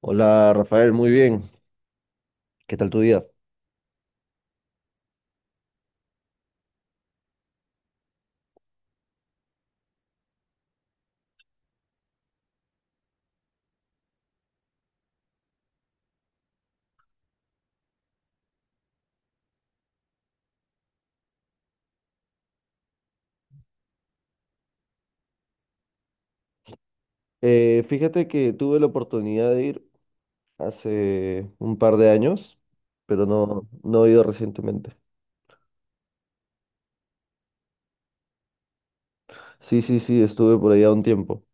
Hola Rafael, muy bien. ¿Qué tal tu día? Fíjate que tuve la oportunidad de ir hace un par de años, pero no he ido recientemente. Sí, sí, sí, estuve por allá un tiempo.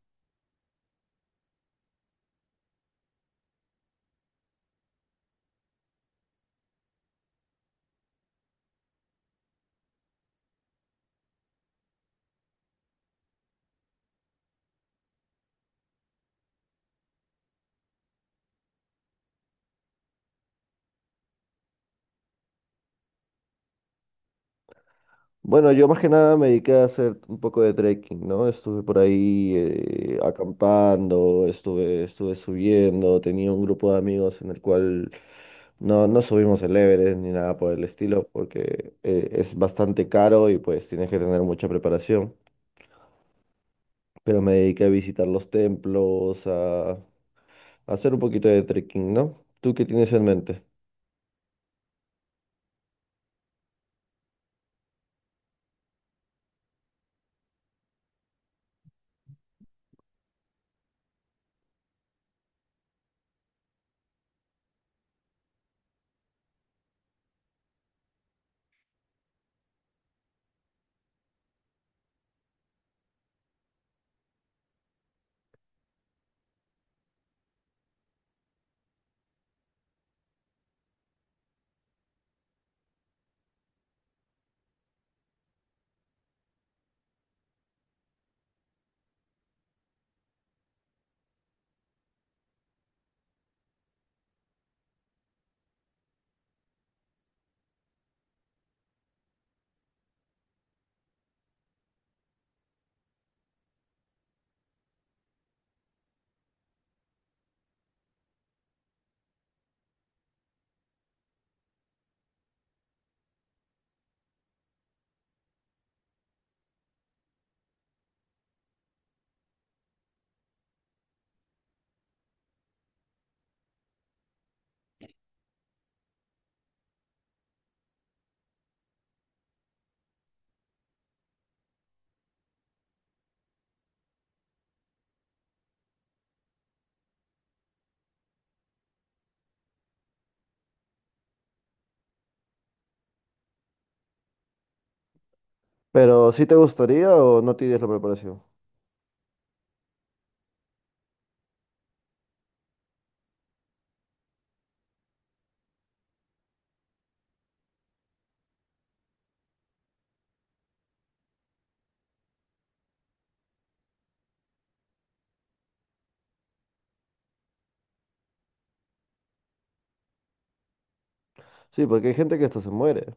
Bueno, yo más que nada me dediqué a hacer un poco de trekking, ¿no? Estuve por ahí acampando, estuve subiendo, tenía un grupo de amigos en el cual no subimos el Everest ni nada por el estilo, porque es bastante caro y pues tienes que tener mucha preparación. Pero me dediqué a visitar los templos, a hacer un poquito de trekking, ¿no? ¿Tú qué tienes en mente? Pero ¿sí te gustaría o no tienes la preparación? Sí, porque hay gente que hasta se muere.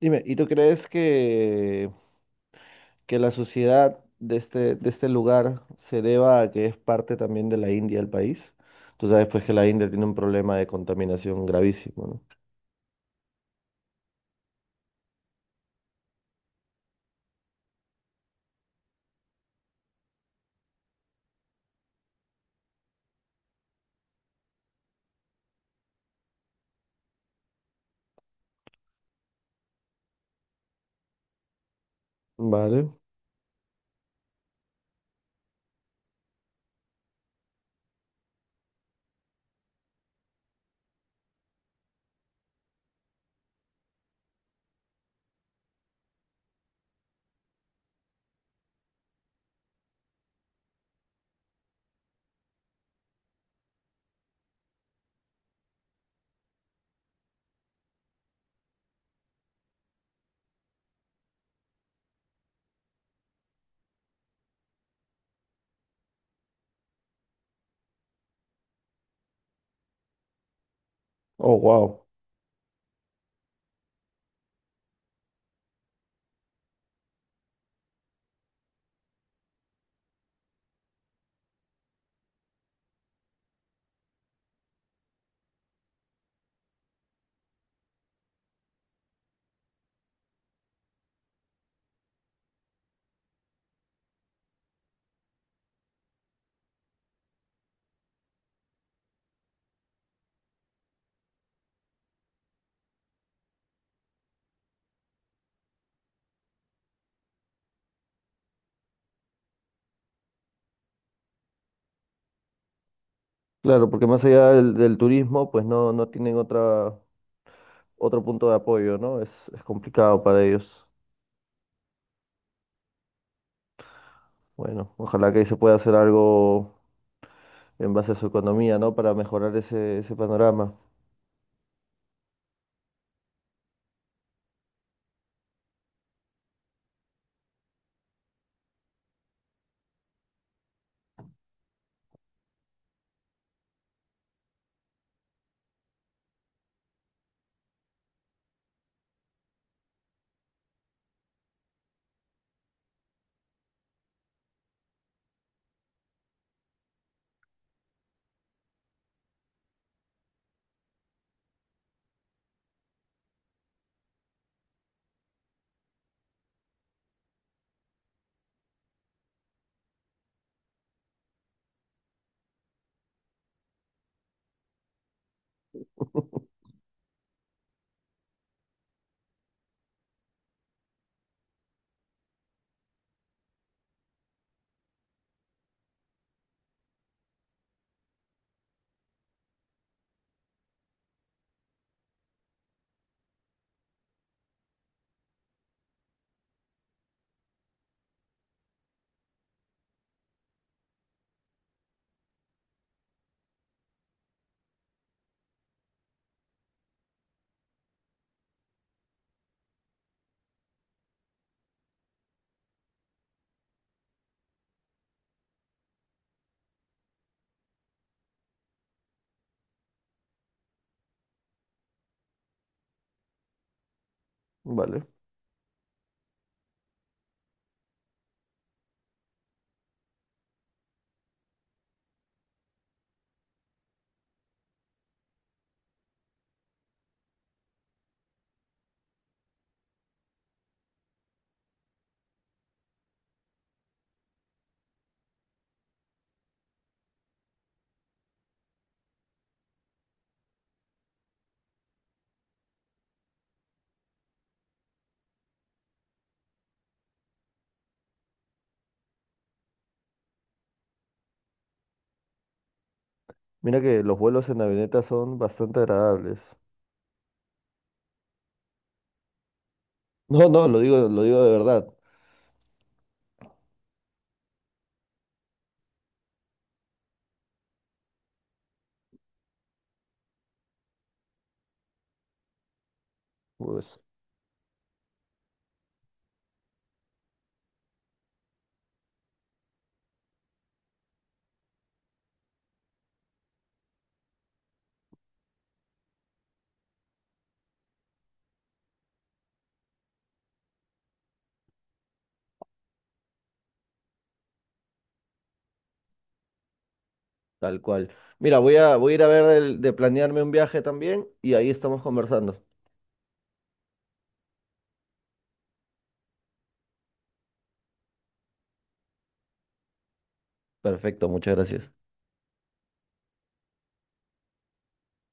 Dime, ¿y tú crees que la sociedad de de este lugar se deba a que es parte también de la India el país? Tú sabes pues que la India tiene un problema de contaminación gravísimo, ¿no? Vale. Oh, wow. Claro, porque más allá del turismo, pues no tienen otra, otro punto de apoyo, ¿no? Es complicado para ellos. Bueno, ojalá que ahí se pueda hacer algo en base a su economía, ¿no? Para mejorar ese panorama. Vale. Mira que los vuelos en avioneta son bastante agradables. No, no, lo digo de verdad. Pues tal cual. Mira, voy voy a ir a ver el- de planearme un viaje también y ahí estamos conversando. Perfecto, muchas gracias.